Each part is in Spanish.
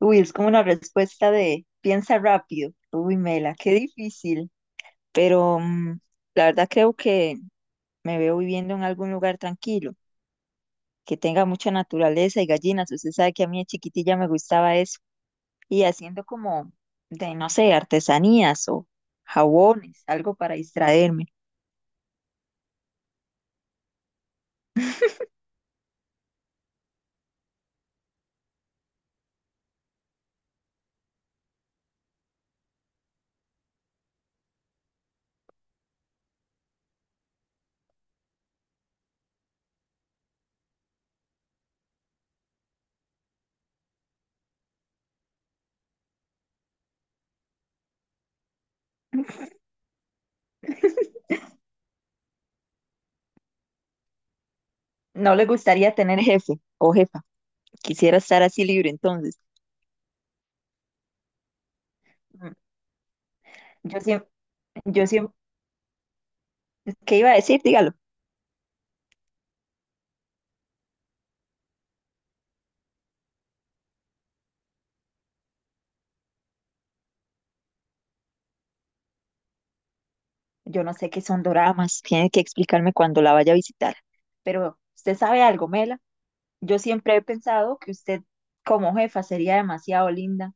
Uy, es como una respuesta de piensa rápido. Uy, Mela, qué difícil. Pero la verdad creo que me veo viviendo en algún lugar tranquilo, que tenga mucha naturaleza y gallinas. Usted sabe que a mí de chiquitilla me gustaba eso. Y haciendo como de, no sé, artesanías o jabones, algo para distraerme. No le gustaría tener jefe o jefa. Quisiera estar así libre entonces. Mm, Yo siempre, yo siempre, ¿qué iba a decir? Dígalo. Yo no sé qué son doramas, tiene que explicarme cuando la vaya a visitar. Pero usted sabe algo, Mela. Yo siempre he pensado que usted como jefa sería demasiado linda.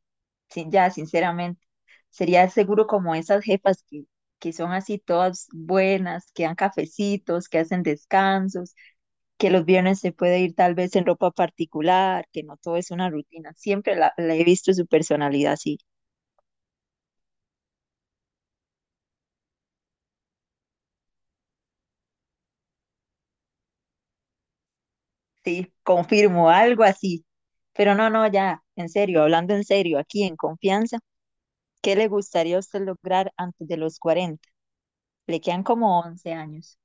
Sin, ya, sinceramente, sería seguro como esas jefas que son así todas buenas, que dan cafecitos, que hacen descansos, que los viernes se puede ir tal vez en ropa particular, que no todo es una rutina. Siempre la he visto su personalidad así. Sí, confirmo, algo así. Pero no, no, ya, en serio, hablando en serio, aquí en confianza, ¿qué le gustaría a usted lograr antes de los 40? Le quedan como 11 años.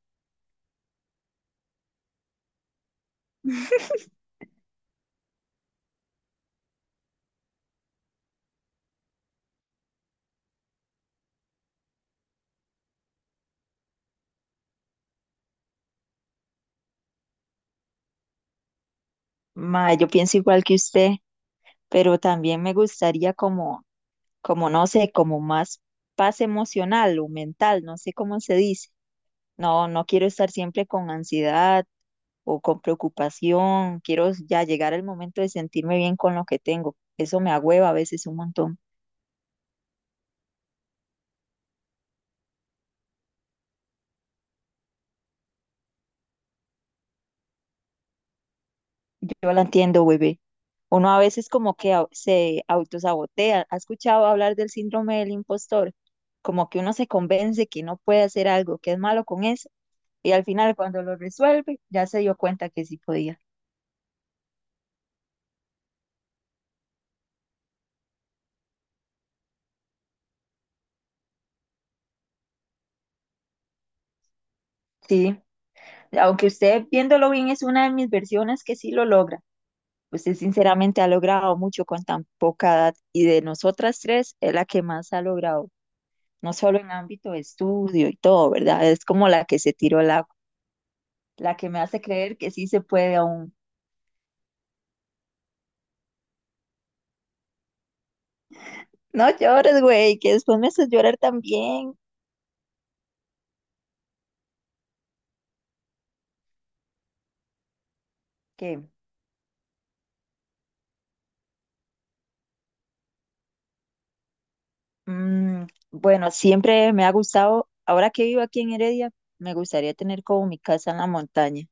Ma, yo pienso igual que usted, pero también me gustaría como, como no sé, como más paz emocional o mental, no sé cómo se dice. No, no quiero estar siempre con ansiedad o con preocupación, quiero ya llegar al momento de sentirme bien con lo que tengo. Eso me agüeva a veces un montón. Yo la entiendo, bebé. Uno a veces como que se autosabotea. ¿Ha escuchado hablar del síndrome del impostor? Como que uno se convence que no puede hacer algo, que es malo con eso, y al final cuando lo resuelve, ya se dio cuenta que sí podía. Sí, aunque usted viéndolo bien es una de mis versiones que sí lo logra. Usted sinceramente ha logrado mucho con tan poca edad y de nosotras tres es la que más ha logrado, no solo en ámbito de estudio y todo, ¿verdad? Es como la que se tiró el agua. La que me hace creer que sí se puede aún. No llores, güey, que después me haces llorar también. Que, mm, bueno, siempre me ha gustado, ahora que vivo aquí en Heredia, me gustaría tener como mi casa en la montaña.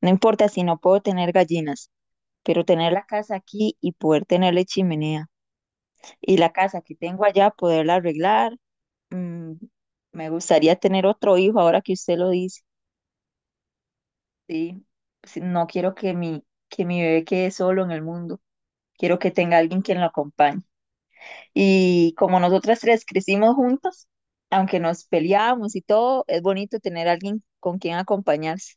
No importa si no puedo tener gallinas, pero tener la casa aquí y poder tenerle chimenea. Y la casa que tengo allá, poderla arreglar. mm, me gustaría tener otro hijo ahora que usted lo dice. Sí, sí, no quiero que que mi bebé quede solo en el mundo. Quiero que tenga alguien quien lo acompañe. Y como nosotras tres crecimos juntas, aunque nos peleábamos y todo, es bonito tener alguien con quien acompañarse.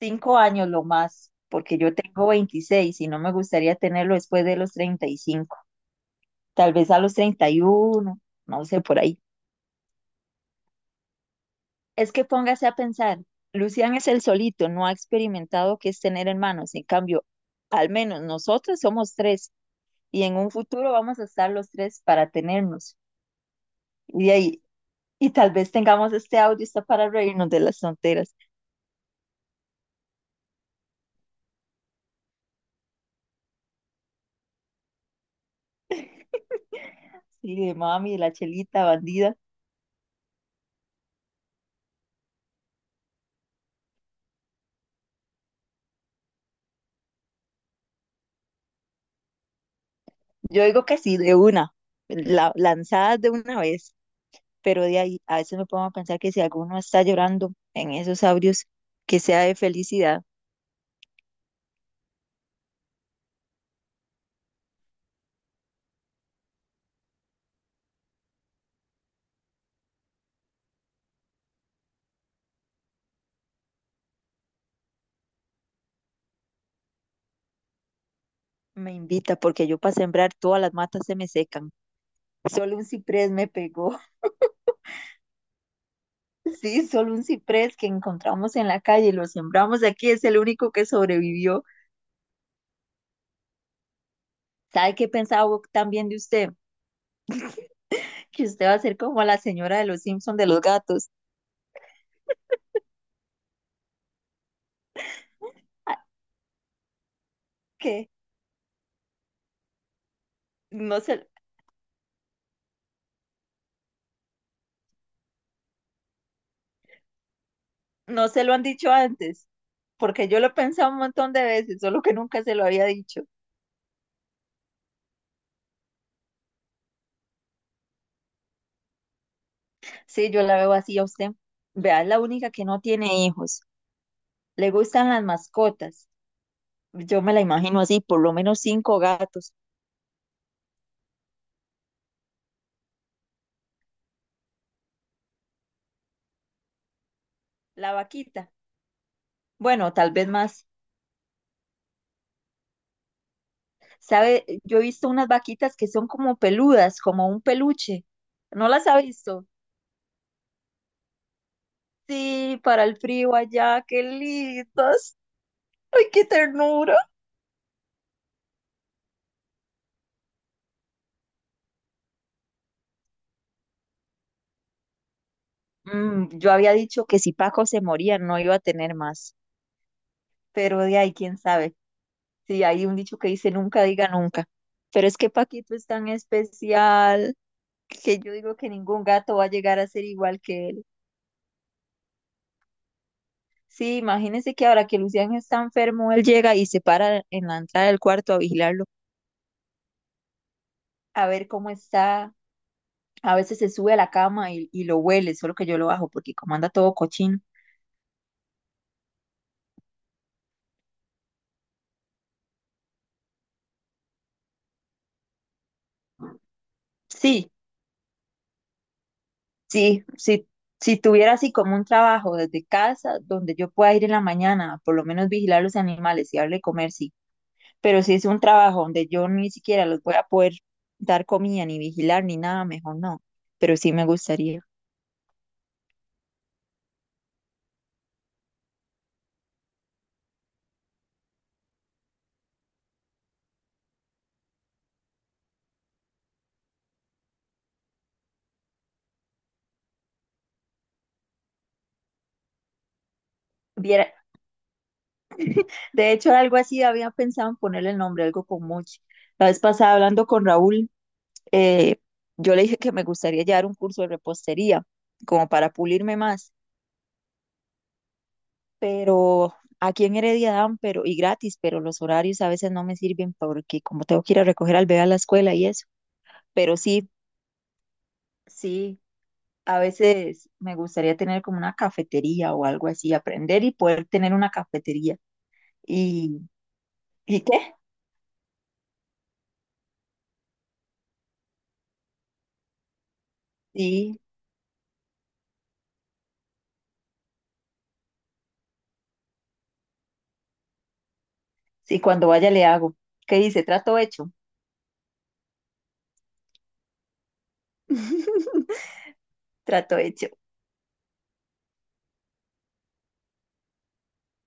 5 años lo más, porque yo tengo 26 y no me gustaría tenerlo después de los 35, tal vez a los 31, no sé, por ahí. Es que póngase a pensar, Lucian es el solito, no ha experimentado qué es tener hermanos, en cambio, al menos nosotros somos tres y en un futuro vamos a estar los tres para tenernos. Y de ahí y tal vez tengamos este audio está para reírnos de las tonteras. Sí, de mami, de la chelita, bandida. Yo digo que sí, de una, lanzadas de una vez, pero de ahí a veces me pongo a pensar que si alguno está llorando en esos audios, que sea de felicidad. Me invita, porque yo para sembrar todas las matas se me secan. Solo un ciprés me pegó. Sí, solo un ciprés que encontramos en la calle, y lo sembramos aquí, es el único que sobrevivió. ¿Sabe qué pensaba también de usted? Que usted va a ser como la señora de los Simpson de los gatos. Ah, que no se, no se lo han dicho antes, porque yo lo he pensado un montón de veces, solo que nunca se lo había dicho. Sí, yo la veo así a usted. Vea, es la única que no tiene hijos. Le gustan las mascotas. Yo me la imagino así, por lo menos cinco gatos. La vaquita. Bueno, tal vez más. ¿Sabe? Yo he visto unas vaquitas que son como peludas, como un peluche. ¿No las ha visto? Sí, para el frío allá, qué lindos. Ay, qué ternura. Mm, yo había dicho que si Paco se moría no iba a tener más, pero de ahí quién sabe. Sí, hay un dicho que dice nunca diga nunca. Pero es que Paquito es tan especial que yo digo que ningún gato va a llegar a ser igual que él. Sí, imagínense que ahora que Lucián está enfermo, él llega y se para en la entrada del cuarto a vigilarlo, a ver cómo está. A veces se sube a la cama y lo huele, solo que yo lo bajo porque como anda todo cochino. Sí, Sí, si tuviera así como un trabajo desde casa donde yo pueda ir en la mañana, por lo menos vigilar los animales y darle comer, sí. Pero si es un trabajo donde yo ni siquiera los voy a poder dar comida, ni vigilar, ni nada, mejor no. Pero sí me gustaría. Viera- de hecho, algo así había pensado en ponerle el nombre, algo con Mochi. La vez pasada hablando con Raúl, eh, yo le dije que me gustaría llevar un curso de repostería, como para pulirme más, pero aquí en Heredia dan, pero y gratis, pero los horarios a veces no me sirven porque como tengo que ir a recoger al bebé a la escuela y eso. Pero sí, sí, a veces me gustaría tener como una cafetería o algo así, aprender y poder tener una cafetería. ¿Y, ¿Y qué? Sí, sí, cuando vaya le hago. ¿Qué dice? Trato hecho. Trato hecho.